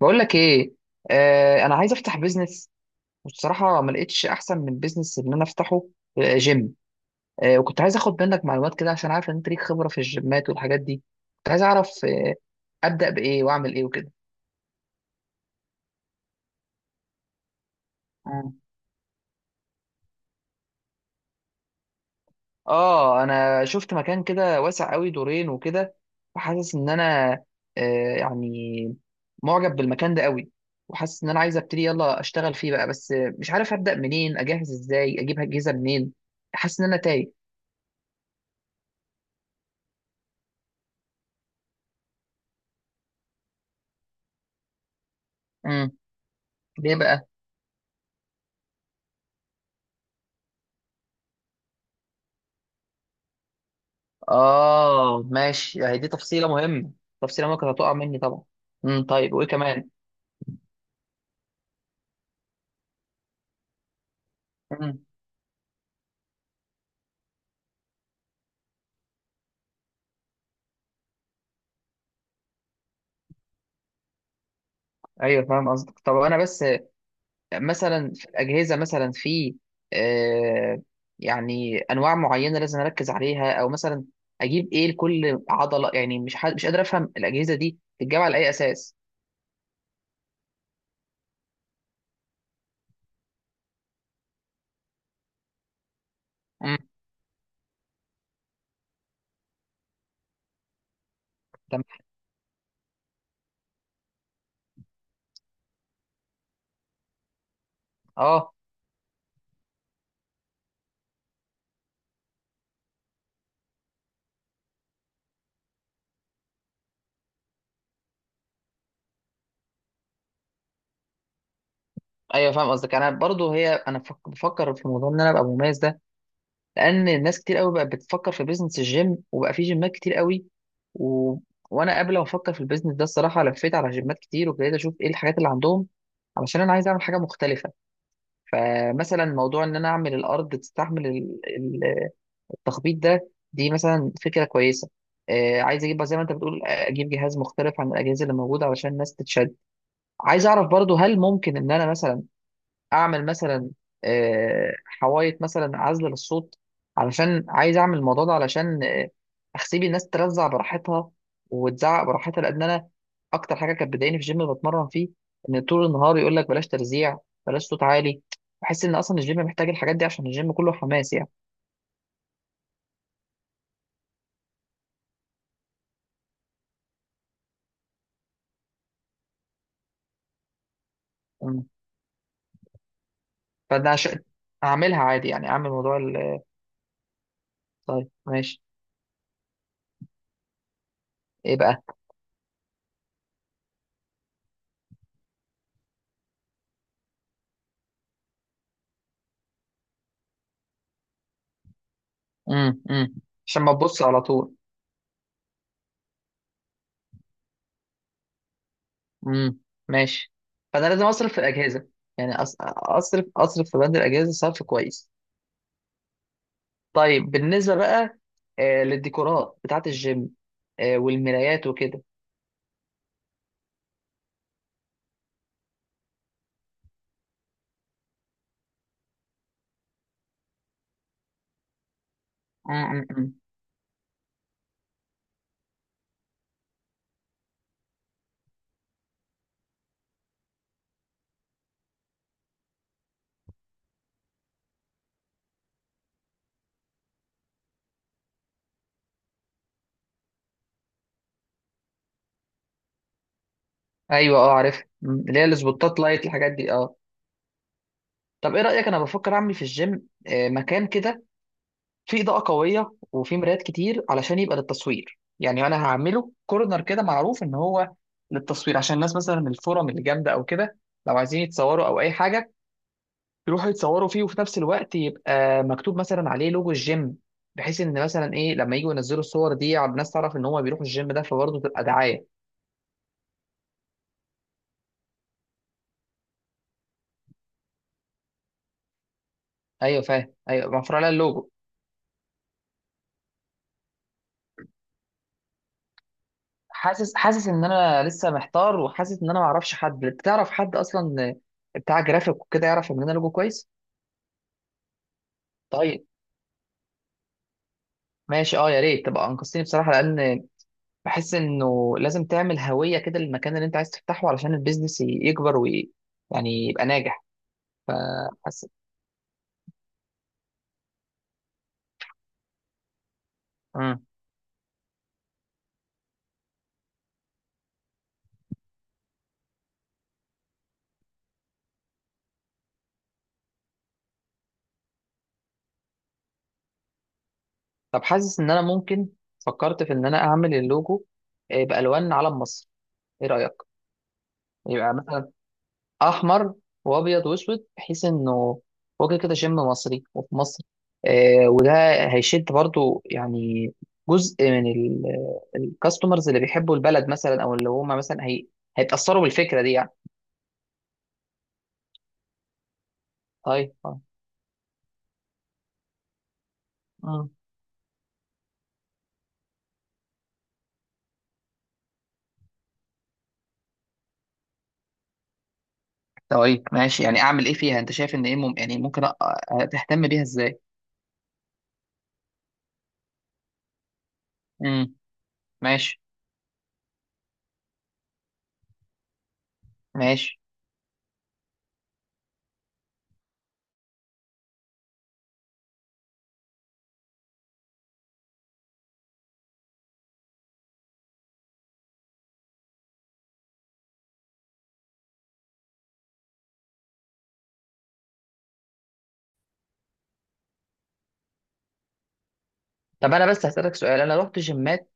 بقول لك ايه؟ انا عايز افتح بيزنس. والصراحه ما لقيتش احسن من بيزنس ان انا افتحه. جيم. وكنت عايز اخد منك معلومات كده، عشان عارف ان انت ليك خبره في الجيمات والحاجات دي. كنت عايز اعرف ابدا بايه واعمل ايه وكده. مم. اه، انا شفت مكان كده واسع قوي، دورين وكده، وحاسس ان انا يعني معجب بالمكان ده قوي، وحاسس ان انا عايز ابتدي، يلا اشتغل فيه بقى، بس مش عارف ابدا منين، اجهز ازاي، اجيب اجهزه منين. حاسس ان انا تايه. مم. ليه بقى؟ اه ماشي، هي دي تفصيله مهمه. تفصيله ممكن هتقع مني طبعا. طيب، وايه كمان؟ امم ايوه فاهم قصدك، طب انا بس مثلا في الاجهزه، مثلا في آه يعني انواع معينه لازم اركز عليها، او مثلا اجيب ايه لكل عضله؟ يعني مش حد، مش قادر افهم الاجهزه دي بتتجمع على اي اساس. امم. تمام. اه. ايوه فاهم قصدك. انا برضو، هي انا بفكر في موضوع ان انا ابقى مميز ده، لان ناس كتير قوي بقت بتفكر في بيزنس الجيم، وبقى في جيمات كتير قوي. و... وانا قبل ما افكر في البيزنس ده، الصراحه لفيت على جيمات كتير، وابتديت اشوف ايه الحاجات اللي عندهم، علشان انا عايز اعمل حاجه مختلفه. فمثلا موضوع ان انا اعمل الارض تستحمل التخبيط ده، دي مثلا فكره كويسه. عايز اجيب بقى زي ما انت بتقول، اجيب جهاز مختلف عن الاجهزه اللي موجوده، علشان الناس تتشد. عايز اعرف برضو، هل ممكن ان انا مثلا اعمل مثلا حوايط مثلا عزل للصوت؟ علشان عايز اعمل الموضوع ده، علشان اسيب الناس ترزع براحتها وتزعق براحتها، لان انا اكتر حاجه كانت بتضايقني في الجيم اللي بتمرن فيه، ان طول النهار يقول لك بلاش ترزيع، بلاش صوت عالي. بحس ان اصلا الجيم محتاج الحاجات دي، عشان الجيم كله حماس يعني. مم. فانا عشان اعملها عادي، يعني اعمل موضوع طيب ماشي. ايه بقى؟ امم. عشان ما تبص على طول. امم. ماشي. فانا لازم اصرف في الاجهزه، يعني اصرف في بند الاجهزه صرف كويس. طيب بالنسبه بقى للديكورات بتاعه الجيم، والمرايات وكده. امم. أمم. ايوه اه عارف، اللي هي السبوتات لايت الحاجات دي، اه. طب ايه رايك؟ انا بفكر اعمل في الجيم مكان كده فيه اضاءه قويه وفيه مرايات كتير، علشان يبقى للتصوير. يعني انا هعمله كورنر كده معروف ان هو للتصوير، عشان الناس مثلا من الفورم اللي جامده او كده، لو عايزين يتصوروا او اي حاجه، يروحوا يتصوروا فيه. وفي نفس الوقت يبقى مكتوب مثلا عليه لوجو الجيم، بحيث ان مثلا ايه، لما يجوا ينزلوا الصور دي على الناس، تعرف ان هم بيروحوا الجيم ده، فبرضه تبقى دعايه. ايوه فاهم، ايوه مفروض عليها اللوجو. حاسس حاسس ان انا لسه محتار، وحاسس ان انا ما اعرفش حد، تعرف حد اصلا بتاع جرافيك وكده يعرف يعمل لنا لوجو كويس؟ طيب ماشي، اه يا ريت تبقى انقذتني بصراحه، لان بحس انه لازم تعمل هويه كده للمكان اللي انت عايز تفتحه، علشان البيزنس يكبر يعني يبقى ناجح. فحاسس. طب حاسس ان انا ممكن، فكرت في ان انا اعمل اللوجو بالوان علم مصر. ايه رايك؟ يبقى مثلا احمر وابيض واسود، بحيث انه وجه كده شم مصري وفي مصر. وده هيشد برضو، يعني جزء من الكاستمرز اللي بيحبوا البلد مثلا، او اللي هم مثلا هي هيتاثروا بالفكره دي يعني. طيب. آه. مم. طيب ماشي. يعني اعمل ايه فيها؟ انت شايف ان ايه يعني ممكن تهتم بيها ازاي. امم. ماشي. ماشي. طب انا بس هسألك سؤال، انا رحت جيمات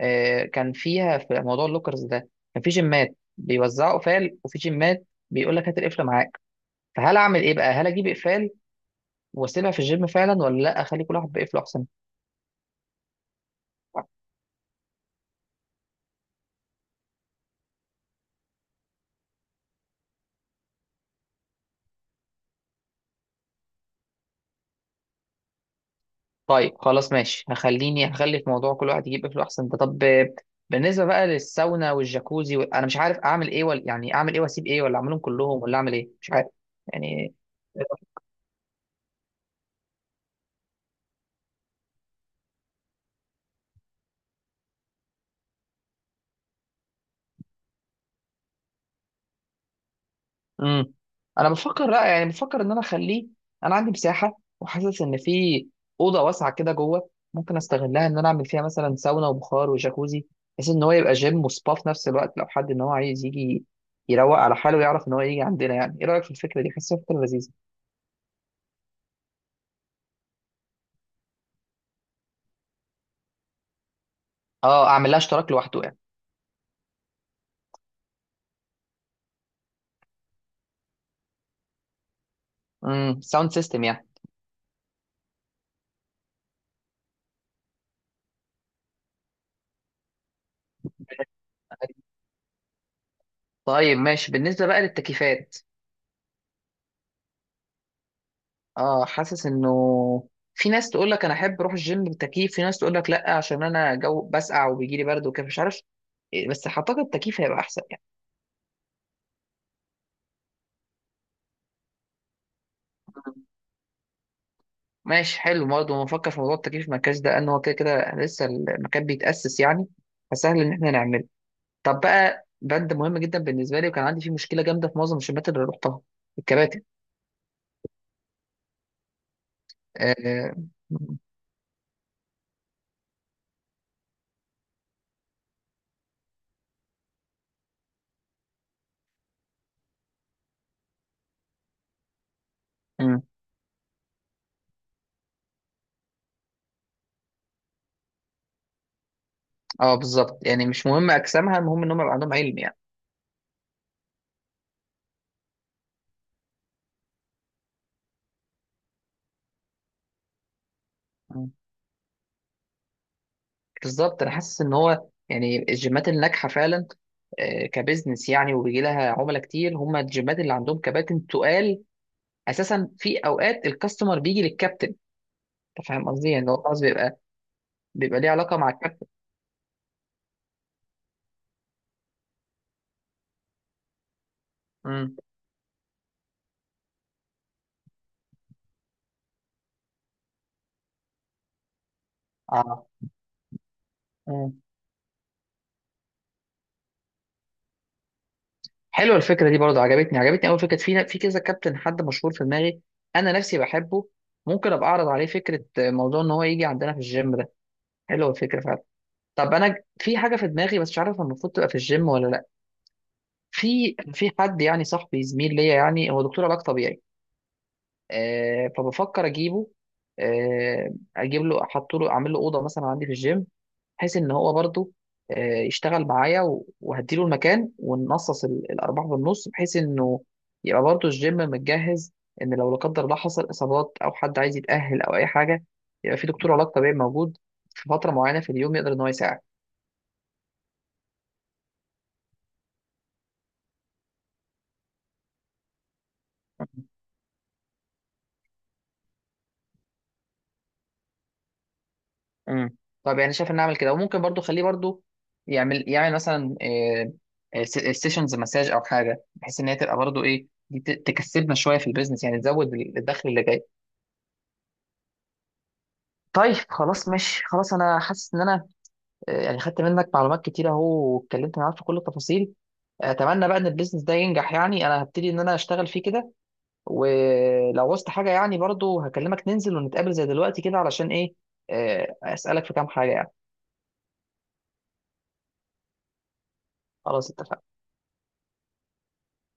كان فيها في موضوع اللوكرز ده، كان في جيمات بيوزعوا قفال، وفي جيمات بيقول لك هات القفل معاك. فهل اعمل ايه بقى، هل اجيب اقفال واسيبها في الجيم فعلا، ولا لا اخلي كل واحد بقفله احسن؟ طيب خلاص ماشي، هخلي في موضوع كل واحد يجيب قفله احسن ده. طب بالنسبه بقى للساونا والجاكوزي انا مش عارف اعمل ايه، ولا يعني اعمل ايه واسيب ايه، ولا اعملهم كلهم، ولا اعمل ايه، مش عارف يعني. امم انا بفكر لا، يعني بفكر ان انا اخليه. انا عندي مساحه، وحاسس ان في اوضه واسعه كده جوه، ممكن استغلها ان انا اعمل فيها مثلا ساونا وبخار وجاكوزي، بحيث ان هو يبقى جيم وسبا في نفس الوقت. لو حد ان هو عايز يجي يروق على حاله، يعرف ان هو يجي عندنا. يعني ايه رايك في الفكره دي؟ حاسسها فكره لذيذه. اه اعمل لها اشتراك لوحده يعني. امم، ساوند سيستم يعني. طيب ماشي، بالنسبه بقى للتكييفات. اه، حاسس انه في ناس تقول لك انا احب اروح الجيم بالتكييف، في ناس تقول لك لا عشان انا جو بسقع وبيجي لي برد وكده، مش عارف بس اعتقد التكييف هيبقى احسن يعني. ماشي، حلو. برضه بفكر في موضوع التكييف في المركز ده، ان هو كده كده لسه المكان بيتاسس يعني، فسهل ان احنا نعمله. طب بقى بند مهم جدا بالنسبه لي، وكان عندي فيه مشكله جامده في معظم الجيمات اللي رحتها: الكباتن. اه, آه, آه, بالظبط، يعني مش مهم اجسامها، المهم انهم يبقى عندهم علم. يعني بالظبط، انا حاسس ان هو يعني الجيمات الناجحه فعلا كبزنس يعني، وبيجي لها عملاء كتير، هم الجيمات اللي عندهم كباتن تقال اساسا. في اوقات الكاستمر بيجي للكابتن. انت فاهم قصدي، يعني هو خلاص بيبقى ليه علاقه مع الكابتن. امم. اه. امم. حلوه الفكره دي برضو، عجبتني عجبتني. اول فكره، في كذا كابتن، حد مشهور في دماغي انا نفسي بحبه، ممكن ابقى اعرض عليه فكره موضوع ان هو يجي عندنا في الجيم ده. حلوه الفكره فعلا. طب انا في حاجه في دماغي، بس مش عارف المفروض تبقى في الجيم ولا. في حد، يعني صاحبي زميل ليا، يعني هو دكتور علاج طبيعي، فبفكر اجيبه، اجيب له، احط له، اعمل له اوضه مثلا عندي في الجيم، بحيث ان هو برضو يشتغل معايا، وهديله المكان، ونقصص الارباح بالنص، بحيث انه يبقى برضو الجيم متجهز، ان لو لا قدر الله حصل اصابات، او حد عايز يتاهل او اي حاجه، يبقى في دكتور علاج طبيعي موجود في فتره معينه في اليوم، يقدر ان هو يساعد. امم. طب يعني شايف ان اعمل كده، وممكن برضو خليه برضو يعمل يعمل مثلا سيشنز مساج او حاجه، بحيث ان هي تبقى برضو ايه دي، تكسبنا شويه في البيزنس، يعني تزود الدخل اللي جاي. طيب خلاص ماشي، خلاص انا حاسس ان انا يعني خدت منك معلومات كتير اهو، واتكلمت معاك في كل التفاصيل. اتمنى بقى ان البيزنس ده ينجح، يعني انا هبتدي ان انا اشتغل فيه كده، ولو وصلت حاجه يعني برضو هكلمك، ننزل ونتقابل زي دلوقتي كده، علشان ايه، اسالك في كام حاجه يعني. خلاص اتفقنا.